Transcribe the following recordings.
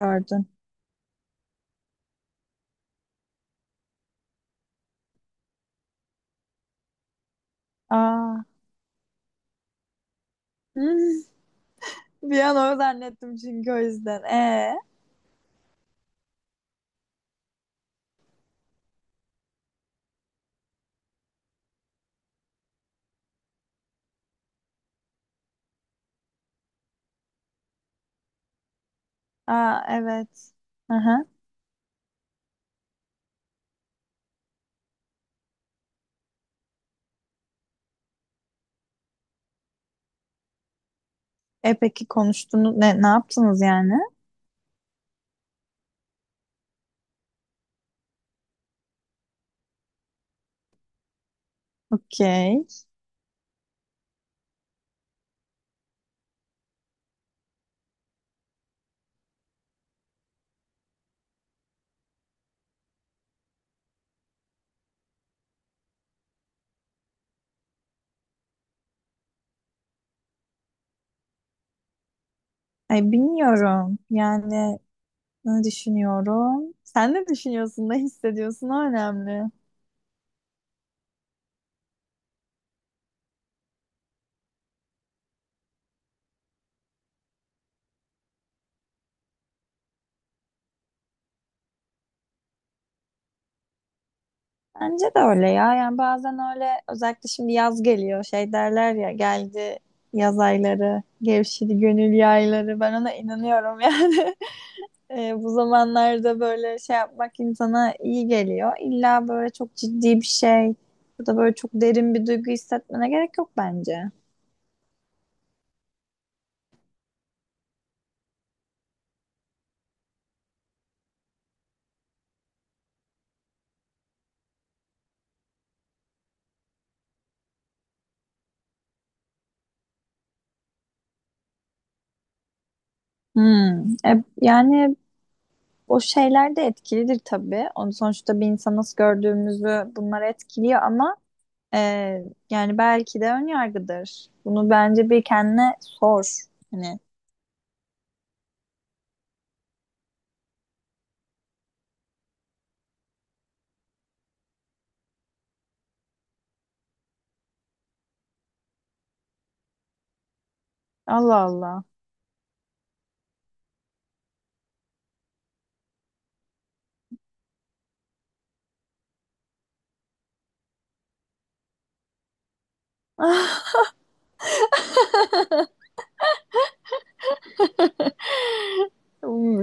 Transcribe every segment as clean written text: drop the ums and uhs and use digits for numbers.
Gördün. Aa. Hmm. Bir an öyle zannettim çünkü o yüzden. Aa evet. Aha. E peki konuştunuz ne yaptınız yani? Okey. Ay bilmiyorum. Yani ne düşünüyorum? Sen ne düşünüyorsun, ne hissediyorsun? O önemli. Bence de öyle ya. Yani bazen öyle özellikle şimdi yaz geliyor. Şey derler ya geldi yaz ayları, gevşedi gönül yayları. Ben ona inanıyorum yani. E, bu zamanlarda böyle şey yapmak insana iyi geliyor. İlla böyle çok ciddi bir şey ya da böyle çok derin bir duygu hissetmene gerek yok bence. Hmm. E, yani o şeyler de etkilidir tabii. Onu sonuçta bir insan nasıl gördüğümüzü bunlar etkiliyor ama e, yani belki de ön yargıdır. Bunu bence bir kendine sor. Hani Allah Allah.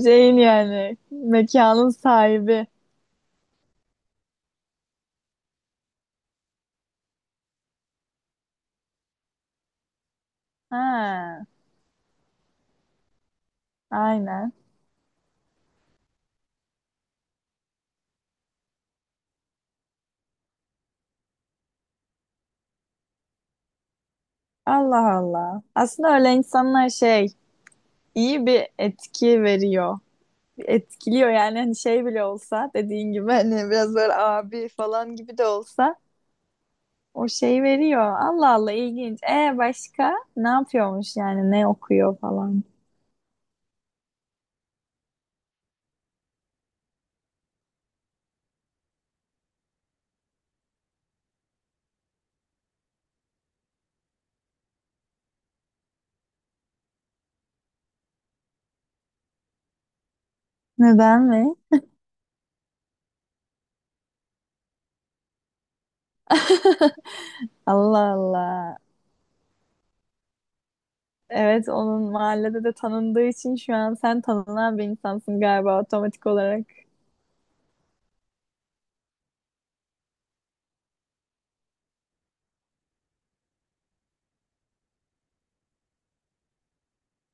Şeyin yani mekanın sahibi. Ha, aynen. Allah Allah. Aslında öyle insanlar şey iyi bir etki veriyor. Etkiliyor yani hani şey bile olsa dediğin gibi hani biraz böyle abi falan gibi de olsa o şey veriyor. Allah Allah ilginç. E başka ne yapıyormuş yani ne okuyor falan. Neden mi? Allah Allah. Evet onun mahallede de tanındığı için şu an sen tanınan bir insansın galiba otomatik olarak.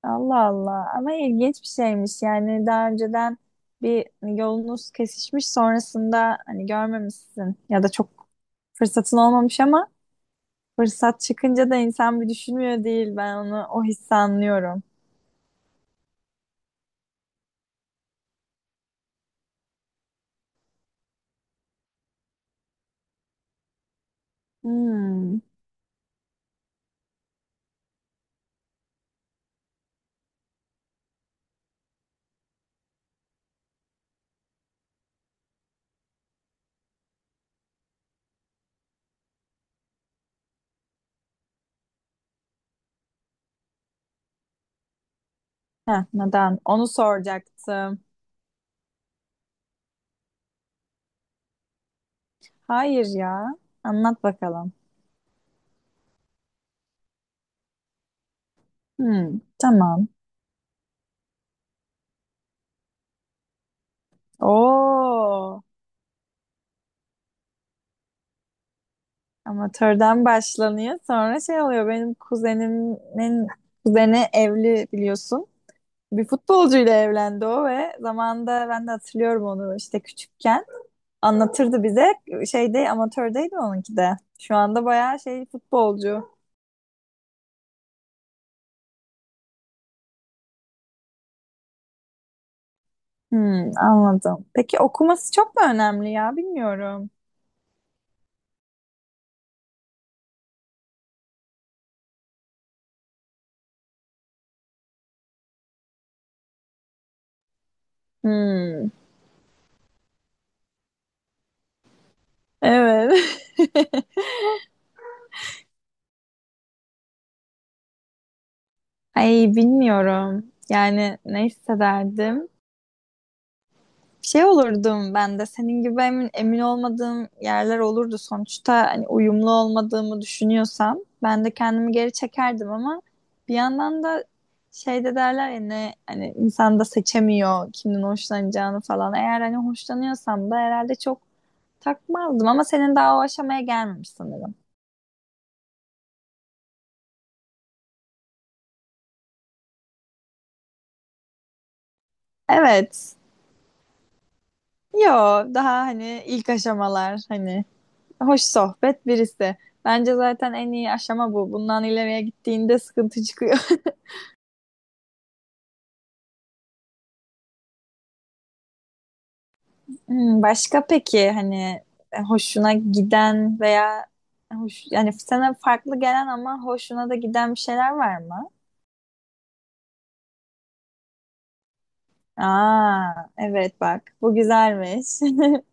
Allah Allah ama ilginç bir şeymiş yani daha önceden bir hani yolunuz kesişmiş sonrasında hani görmemişsin ya da çok fırsatın olmamış ama fırsat çıkınca da insan bir düşünmüyor değil ben onu o hissi anlıyorum. Hmm. Heh, neden? Onu soracaktım. Hayır ya anlat bakalım. Hmm, tamam. Oo, amatörden başlanıyor sonra şey oluyor benim kuzenimin kuzeni evli biliyorsun. Bir futbolcuyla evlendi o ve zamanında ben de hatırlıyorum onu işte küçükken anlatırdı bize şeyde amatördeydi onunki de. Şu anda bayağı şey futbolcu. Hmm, anladım. Peki okuması çok mu önemli ya bilmiyorum. Hmm, evet. Ay bilmiyorum. Yani ne hissederdim? Şey olurdum ben de senin gibi emin olmadığım yerler olurdu. Sonuçta hani uyumlu olmadığımı düşünüyorsam ben de kendimi geri çekerdim ama bir yandan da şey de derler ya ne hani insan da seçemiyor kimden hoşlanacağını falan. Eğer hani hoşlanıyorsam da herhalde çok takmazdım ama senin daha o aşamaya gelmemiş sanırım. Evet. Yo daha hani ilk aşamalar hani hoş sohbet birisi. Bence zaten en iyi aşama bu. Bundan ileriye gittiğinde sıkıntı çıkıyor. Hmm, başka peki hani hoşuna giden veya hoş, yani sana farklı gelen ama hoşuna da giden bir şeyler var mı? Aa, evet bak bu güzelmiş.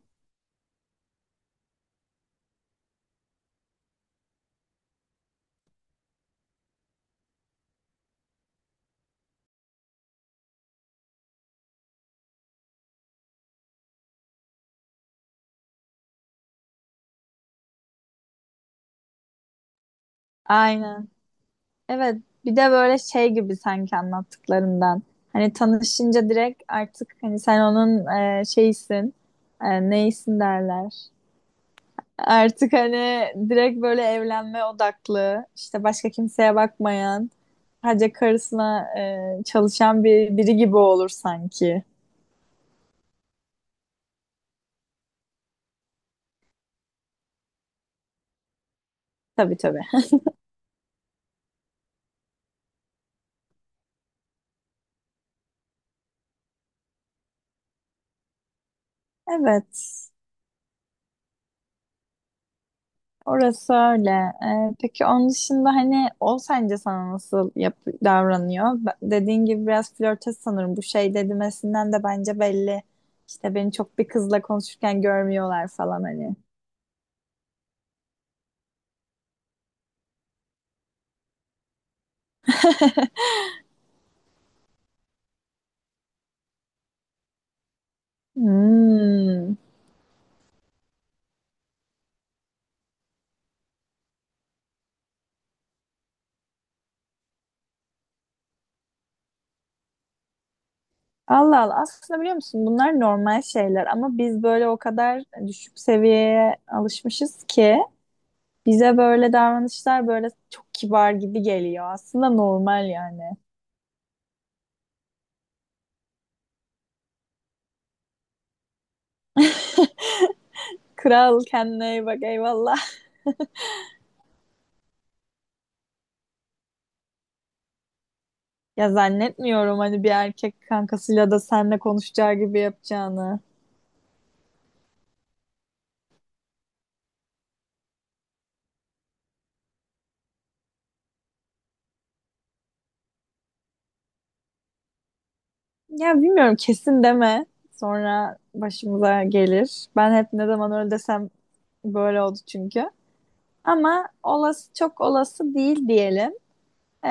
Aynen. Evet bir de böyle şey gibi sanki anlattıklarından. Hani tanışınca direkt artık hani sen onun şeysin. E, neysin derler. Artık hani direkt böyle evlenme odaklı, işte başka kimseye bakmayan, sadece karısına çalışan bir biri gibi olur sanki. Tabii tabii. Evet, orası öyle. E, peki onun dışında hani o sence sana nasıl davranıyor? Dediğin gibi biraz flörtöz sanırım. Bu şey dedimesinden de bence belli. İşte beni çok bir kızla konuşurken görmüyorlar falan hani. Hmm. Allah Allah. Aslında biliyor musun bunlar normal şeyler ama biz böyle o kadar düşük seviyeye alışmışız ki bize böyle davranışlar böyle çok kibar gibi geliyor. Aslında normal yani. Kral kendine iyi bak eyvallah. Ya zannetmiyorum hani bir erkek kankasıyla da seninle konuşacağı gibi yapacağını. Ya bilmiyorum kesin deme. Sonra başımıza gelir. Ben hep ne zaman öyle desem böyle oldu çünkü. Ama olası çok olası değil diyelim.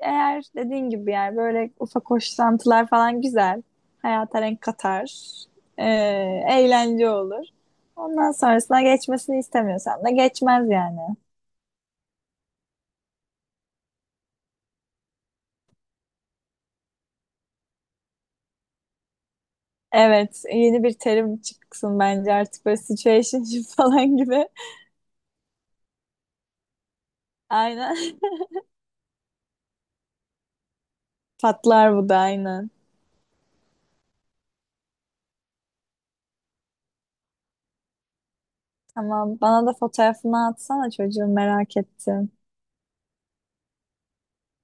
Eğer dediğin gibi yani böyle ufak hoşlantılar falan güzel. Hayata renk katar. Ee, eğlence olur. Ondan sonrasına geçmesini istemiyorsan da geçmez yani. Evet, yeni bir terim çıksın bence artık böyle situationship falan gibi. Aynen. Patlar bu da aynen. Tamam, bana da fotoğrafını atsana çocuğum merak ettim.